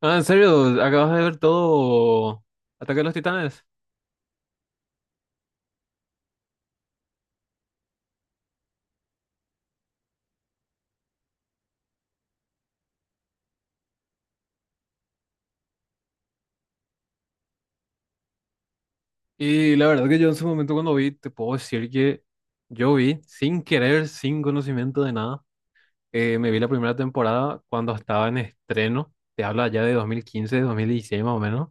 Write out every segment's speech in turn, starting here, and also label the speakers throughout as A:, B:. A: Ah, ¿en serio, acabas de ver todo Ataque a los Titanes? Y la verdad que yo en su momento cuando vi, te puedo decir que yo vi, sin querer, sin conocimiento de nada, me vi la primera temporada cuando estaba en estreno. Te habla ya de 2015, 2016 más o menos,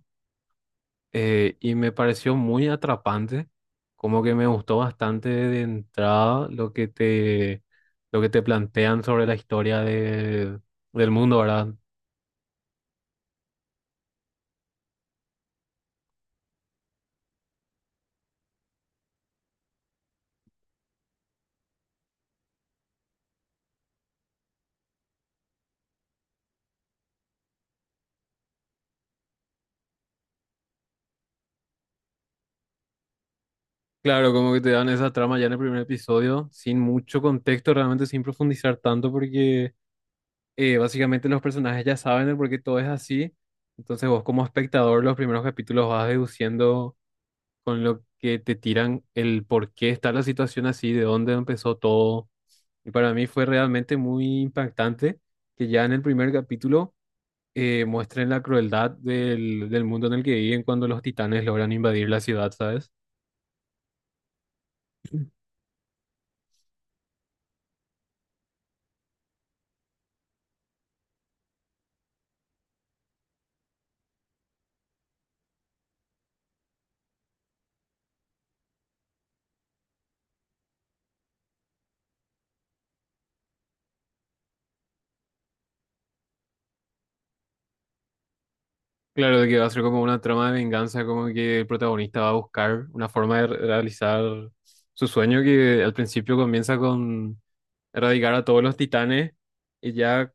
A: y me pareció muy atrapante. Como que me gustó bastante de entrada lo que te plantean sobre la historia del mundo, ¿verdad? Claro, como que te dan esa trama ya en el primer episodio, sin mucho contexto, realmente sin profundizar tanto, porque básicamente los personajes ya saben el por qué todo es así. Entonces vos como espectador los primeros capítulos vas deduciendo con lo que te tiran el por qué está la situación así, de dónde empezó todo. Y para mí fue realmente muy impactante que ya en el primer capítulo muestren la crueldad del mundo en el que viven cuando los titanes logran invadir la ciudad, ¿sabes? Claro, de que va a ser como una trama de venganza, como que el protagonista va a buscar una forma de realizar su sueño, que al principio comienza con erradicar a todos los titanes y ya.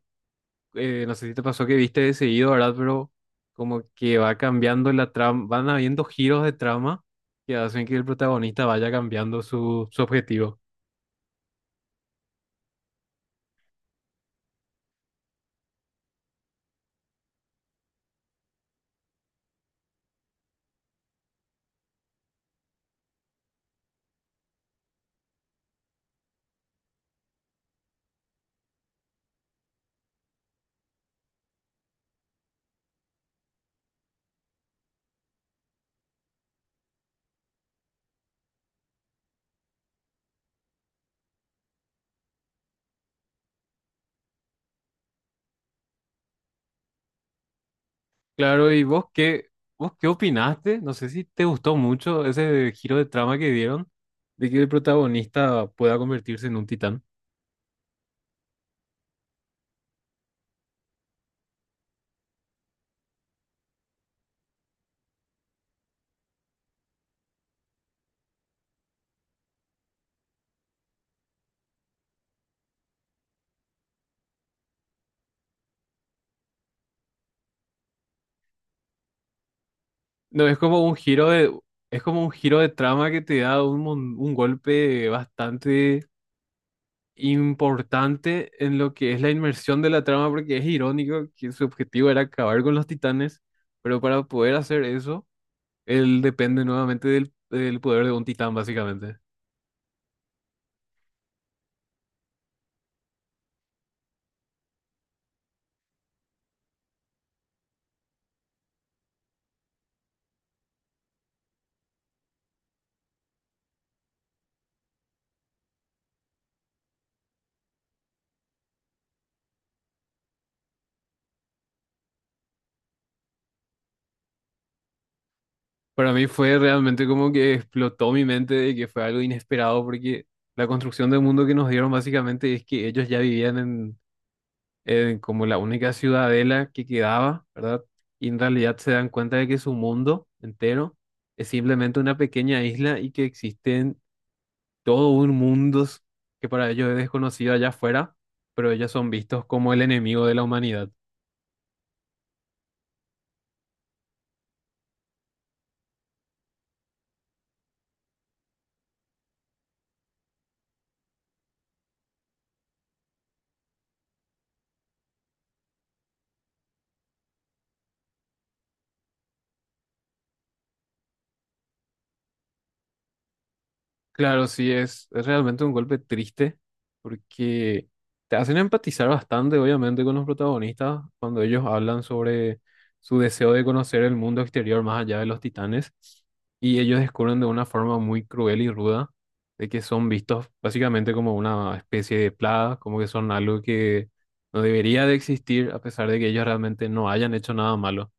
A: no sé si te pasó que viste de seguido, ¿verdad? Pero como que va cambiando la trama, van habiendo giros de trama que hacen que el protagonista vaya cambiando su objetivo. Claro, ¿y vos qué opinaste? No sé si te gustó mucho ese giro de trama que dieron, de que el protagonista pueda convertirse en un titán. No, es como un giro de trama que te da un golpe bastante importante en lo que es la inmersión de la trama, porque es irónico que su objetivo era acabar con los titanes, pero para poder hacer eso, él depende nuevamente del poder de un titán, básicamente. Para mí fue realmente como que explotó mi mente de que fue algo inesperado, porque la construcción del mundo que nos dieron básicamente es que ellos ya vivían como la única ciudadela que quedaba, ¿verdad? Y en realidad se dan cuenta de que su mundo entero es simplemente una pequeña isla y que existen todo un mundo que para ellos es desconocido allá afuera, pero ellos son vistos como el enemigo de la humanidad. Claro, sí, es realmente un golpe triste, porque te hacen empatizar bastante, obviamente, con los protagonistas cuando ellos hablan sobre su deseo de conocer el mundo exterior más allá de los titanes, y ellos descubren de una forma muy cruel y ruda de que son vistos básicamente como una especie de plaga, como que son algo que no debería de existir a pesar de que ellos realmente no hayan hecho nada malo.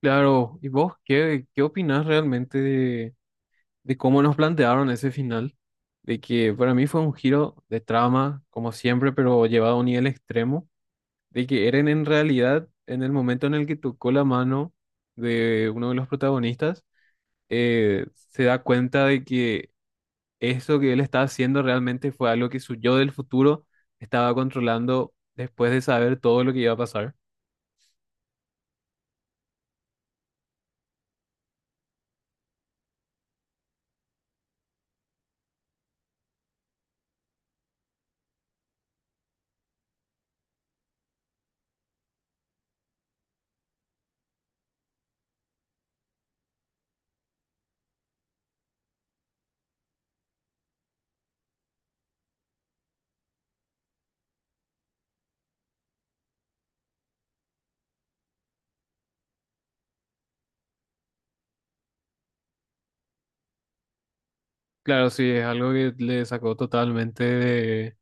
A: Claro, ¿y vos qué, qué opinás realmente de cómo nos plantearon ese final? De que para mí fue un giro de trama, como siempre, pero llevado a un nivel extremo, de que Eren en realidad, en el momento en el que tocó la mano de uno de los protagonistas, se da cuenta de que eso que él estaba haciendo realmente fue algo que su yo del futuro estaba controlando después de saber todo lo que iba a pasar. Claro, sí, es algo que le sacó totalmente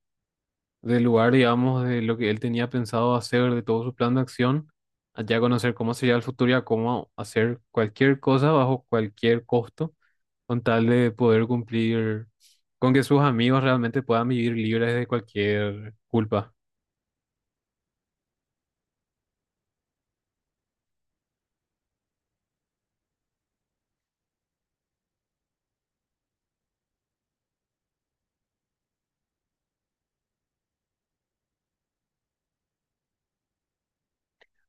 A: del lugar, digamos, de lo que él tenía pensado hacer, de todo su plan de acción, allá conocer cómo sería el futuro y a cómo hacer cualquier cosa bajo cualquier costo, con tal de poder cumplir, con que sus amigos realmente puedan vivir libres de cualquier culpa.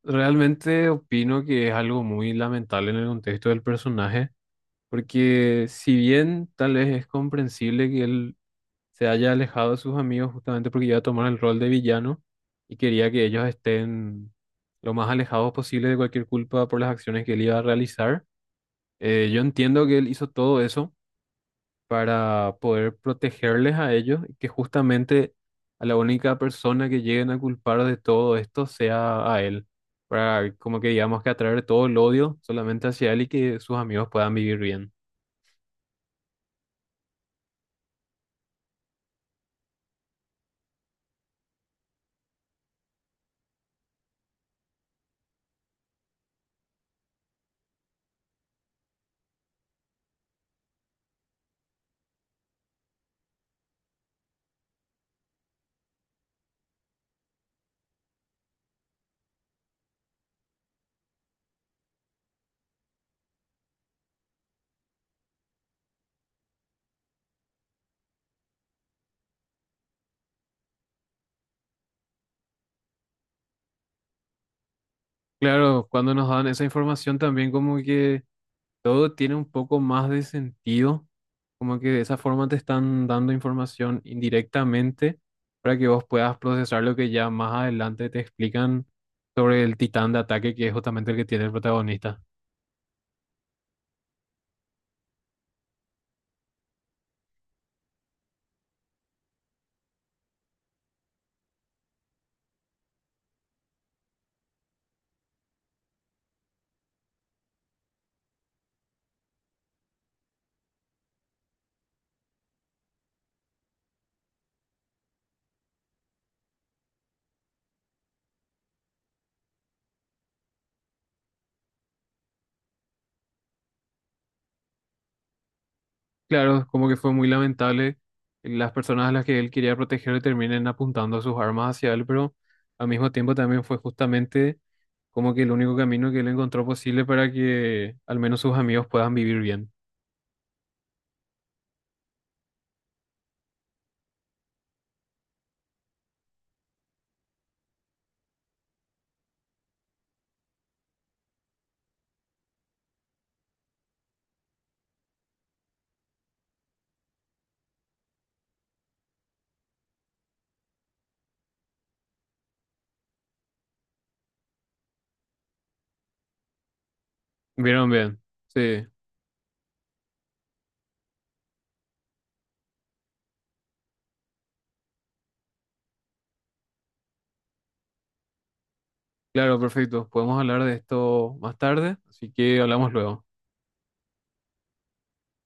A: Realmente opino que es algo muy lamentable en el contexto del personaje, porque si bien tal vez es comprensible que él se haya alejado de sus amigos justamente porque iba a tomar el rol de villano, y quería que ellos estén lo más alejados posible de cualquier culpa por las acciones que él iba a realizar. Yo entiendo que él hizo todo eso para poder protegerles a ellos, y que justamente a la única persona que lleguen a culpar de todo esto sea a él, para como que digamos, que atraer todo el odio solamente hacia él y que sus amigos puedan vivir bien. Claro, cuando nos dan esa información también, como que todo tiene un poco más de sentido, como que de esa forma te están dando información indirectamente para que vos puedas procesar lo que ya más adelante te explican sobre el titán de ataque, que es justamente el que tiene el protagonista. Claro, como que fue muy lamentable, las personas a las que él quería proteger le terminen apuntando sus armas hacia él, pero al mismo tiempo también fue justamente como que el único camino que él encontró posible para que al menos sus amigos puedan vivir bien. ¿Vieron bien? Sí, claro, perfecto. Podemos hablar de esto más tarde, así que hablamos luego.